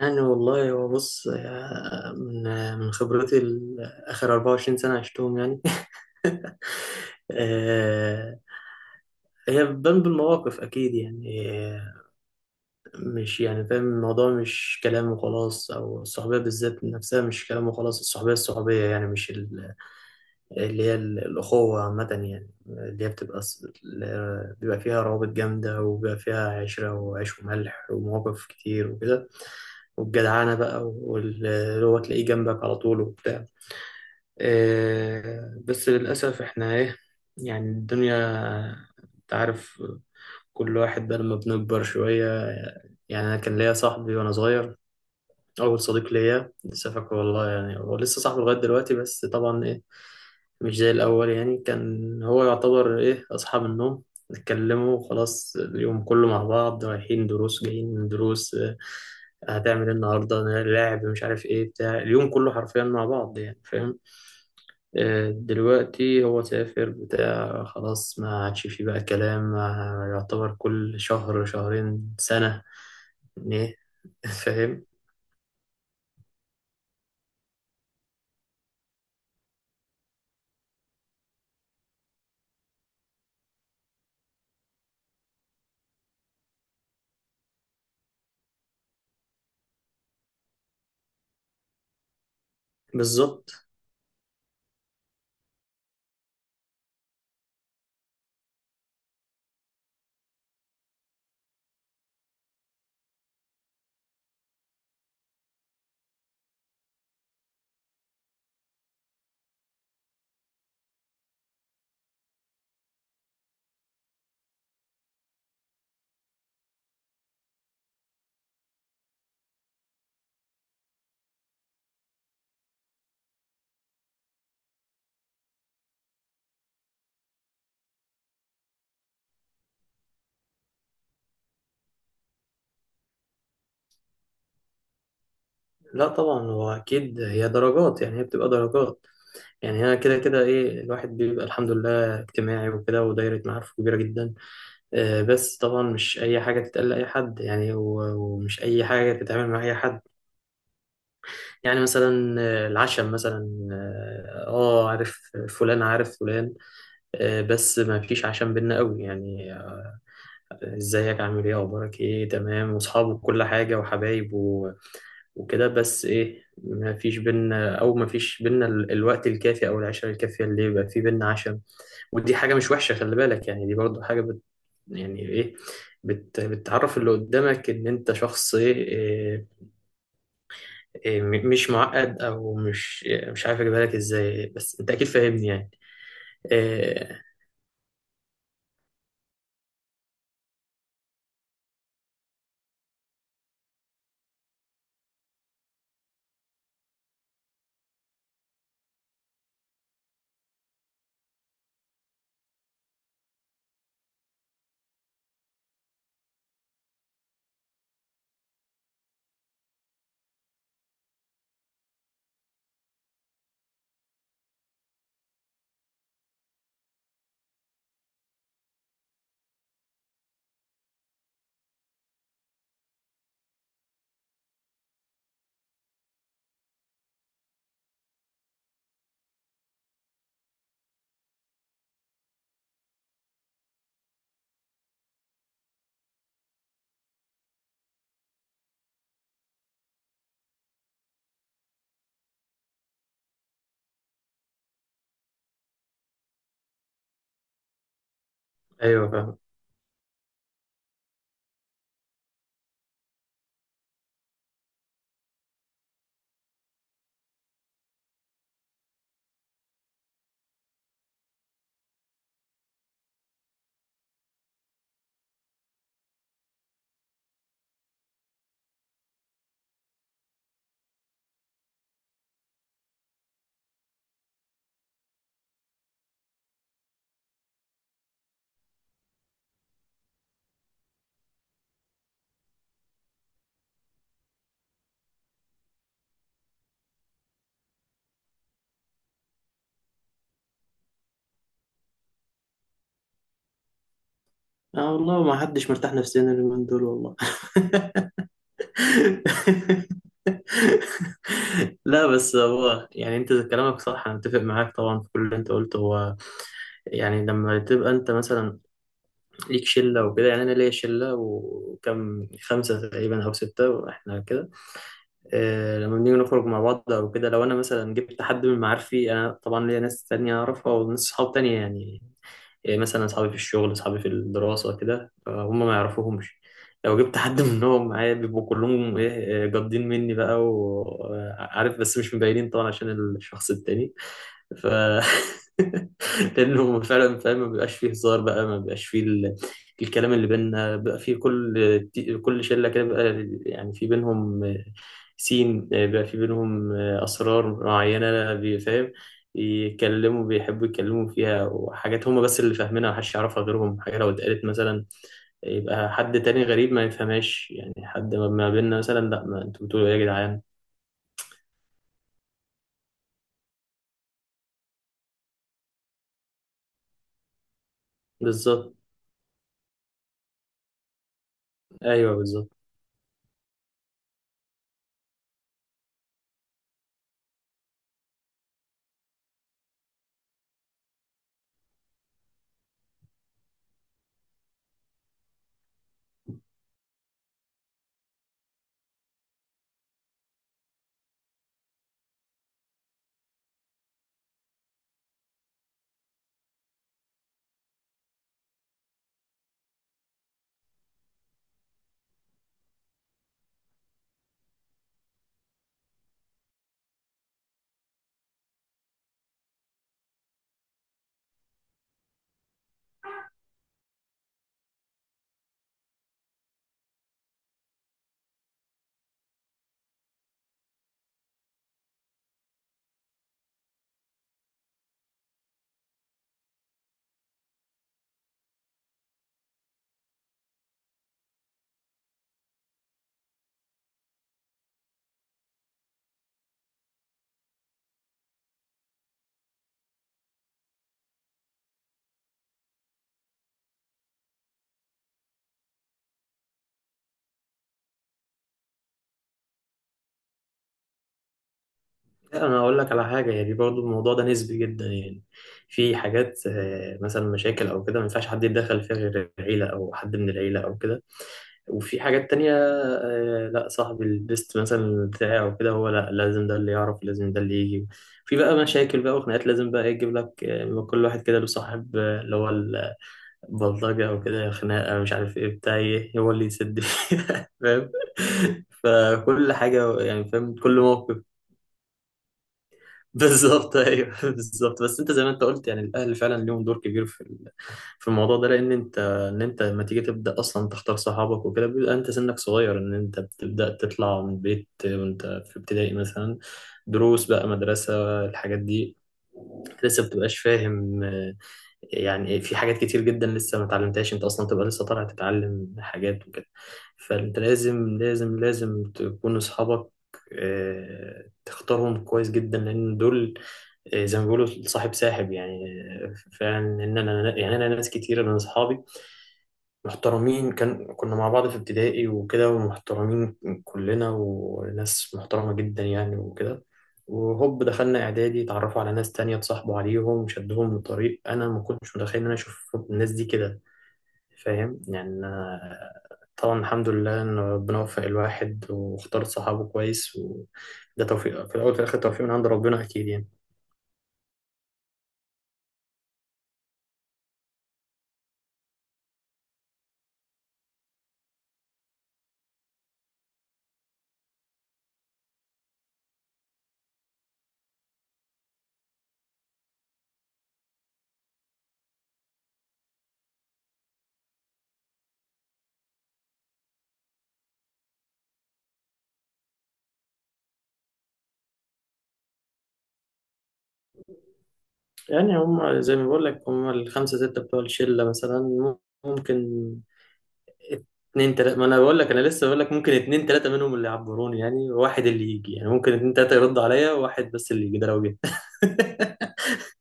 يعني والله هو بص، من من خبرتي آخر 24 سنة عشتهم يعني. آه، هي بتبان بالمواقف أكيد يعني مش يعني فاهم الموضوع، مش كلام وخلاص، أو الصحوبية بالذات نفسها مش كلام وخلاص. الصحوبية يعني مش اللي هي الأخوة عامة، يعني اللي هي بتبقى بيبقى فيها روابط جامدة، وبيبقى فيها عشرة وعيش وملح ومواقف كتير وكده. والجدعانة بقى، واللي هو تلاقيه جنبك على طول وبتاع. بس للأسف إحنا إيه، يعني الدنيا، أنت عارف، كل واحد بقى لما بنكبر شوية. يعني أنا كان ليا صاحبي وأنا صغير، أول صديق ليا لسه فاكره والله، يعني هو لسه صاحبه لغاية دلوقتي، بس طبعا إيه، مش زي الأول. يعني كان هو يعتبر إيه أصحاب النوم، نتكلموا خلاص اليوم كله مع بعض، رايحين دروس جايين من دروس هتعمل إيه النهاردة، لعب، مش عارف إيه، بتاع اليوم كله حرفيا مع بعض يعني، فاهم. دلوقتي هو سافر بتاع، خلاص ما عادش فيه بقى كلام، ما يعتبر كل شهر شهرين سنة إيه. فاهم. بالظبط. لا طبعا، هو اكيد هي درجات، يعني هي بتبقى درجات. يعني انا كده كده ايه، الواحد بيبقى الحمد لله اجتماعي وكده، ودايره معارفه كبيره جدا. بس طبعا مش اي حاجه تتقال لاي حد يعني، و- ومش اي حاجه تتعامل مع اي حد. يعني مثلا العشم مثلا، اه عارف فلان عارف فلان، بس ما فيش عشم بينا قوي يعني ازيك، عامل ايه، اخبارك ايه، تمام، واصحابه، كل حاجه وحبايب وكده، بس ايه ما فيش بينا الوقت الكافي او العشرة الكافية اللي يبقى في بينا عشم. ودي حاجة مش وحشة، خلي بالك يعني، دي برضو حاجة بت يعني ايه بت بتعرف اللي قدامك ان انت شخص ايه, إيه, إيه م- مش معقد، او مش إيه، مش عارف اجيبها لك ازاي، بس انت اكيد فاهمني يعني. إيه، ايوه فاهم. اه والله ما حدش مرتاح نفسيا اليومين دول والله. لا بس هو يعني انت كلامك صح، انا متفق معاك طبعا في كل اللي انت قلته. هو يعني لما تبقى انت مثلا ليك شله وكده، يعني انا ليا شله وكم خمسه تقريبا او سته، واحنا كده. لما بنيجي نخرج مع بعض او كده، لو انا مثلا جبت حد من معارفي، انا طبعا ليا ناس تانية اعرفها وناس صحاب تانية يعني، إيه، مثلا أصحابي في الشغل، أصحابي في الدراسة كده، هم ما يعرفوهمش. لو جبت حد منهم معايا، بيبقوا كلهم إيه، جادين مني بقى وعارف، بس مش مبينين طبعا عشان الشخص التاني. ف لأنه فعلا فاهم، ما بيبقاش فيه هزار بقى، ما بيبقاش فيه ال... الكلام اللي بيننا بقى، فيه كل كل شلة كده بقى، يعني في بينهم سين بقى، في بينهم أسرار معينة بيفهم، يكلموا بيحبوا يتكلموا فيها، وحاجات هما بس اللي فاهمينها، محدش يعرفها غيرهم. حاجة لو اتقالت مثلا، يبقى حد تاني غريب ما يفهمهاش. يعني حد ما بيننا مثلا، لا ما انتوا بتقولوا ايه يا جدعان. بالظبط، ايوه بالظبط. لا انا اقول لك على حاجه، يعني برضو الموضوع ده نسبي جدا. يعني في حاجات مثلا مشاكل او كده، ما ينفعش حد يتدخل فيها غير العيله، او حد من العيله او كده. وفي حاجات تانية لا، صاحب البيست مثلا بتاعي او كده، هو لا، لازم ده اللي يعرف، لازم ده اللي يجي. في بقى مشاكل بقى وخناقات، لازم بقى يجيب لك آه،، كل واحد كده له صاحب اللي هو البلطجة او كده، خناقة مش عارف ايه بتاع ايه، هو اللي يسد فيها. فاهم، فكل حاجة يعني، فاهم كل موقف. بالظبط ايوه بالظبط. بس انت زي ما انت قلت يعني، الاهل فعلا ليهم دور كبير في في الموضوع ده. لان انت لما تيجي تبدا اصلا تختار صحابك وكده، بيبقى انت سنك صغير، ان انت بتبدا تطلع من البيت وانت في ابتدائي مثلا، دروس بقى، مدرسه، الحاجات دي لسه بتبقاش فاهم. يعني في حاجات كتير جدا لسه ما اتعلمتهاش، انت اصلا تبقى لسه طالع تتعلم حاجات وكده. فانت لازم لازم لازم تكون اصحابك تختارهم كويس جدا، لان دول زي ما بيقولوا صاحب ساحب يعني فعلا. ان انا يعني انا ناس كتيره من اصحابي محترمين، كان كنا مع بعض في ابتدائي وكده، ومحترمين كلنا وناس محترمة جدا يعني وكده. وهوب دخلنا إعدادي، اتعرفوا على ناس تانية، اتصاحبوا عليهم، شدهم لطريق أنا ما كنتش متخيل إن أنا أشوف الناس دي كده. فاهم يعني طبعا الحمد لله إن ربنا وفق الواحد واختار صحابه كويس، وده توفيق في الأول وفي الآخر، توفيق من عند ربنا أكيد يعني. يعني هم زي ما بقول لك، هم الخمسة ستة بتوع الشلة مثلا، ممكن اتنين تلاتة. ما انا بقول لك، انا لسه بقول لك ممكن اتنين تلاتة منهم اللي يعبروني يعني، واحد اللي يجي يعني، ممكن اتنين تلاتة يرد عليا، واحد بس اللي يجي ده لو جه.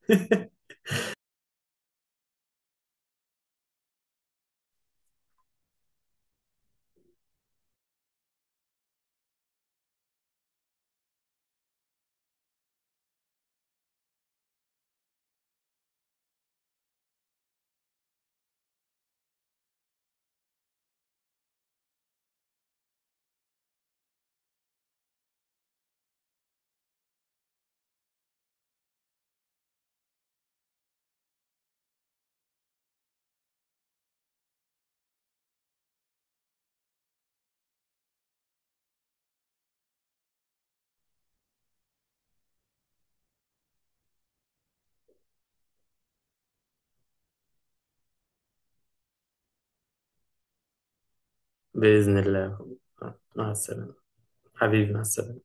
بإذن الله. مع السلامة. حبيبي مع السلامة.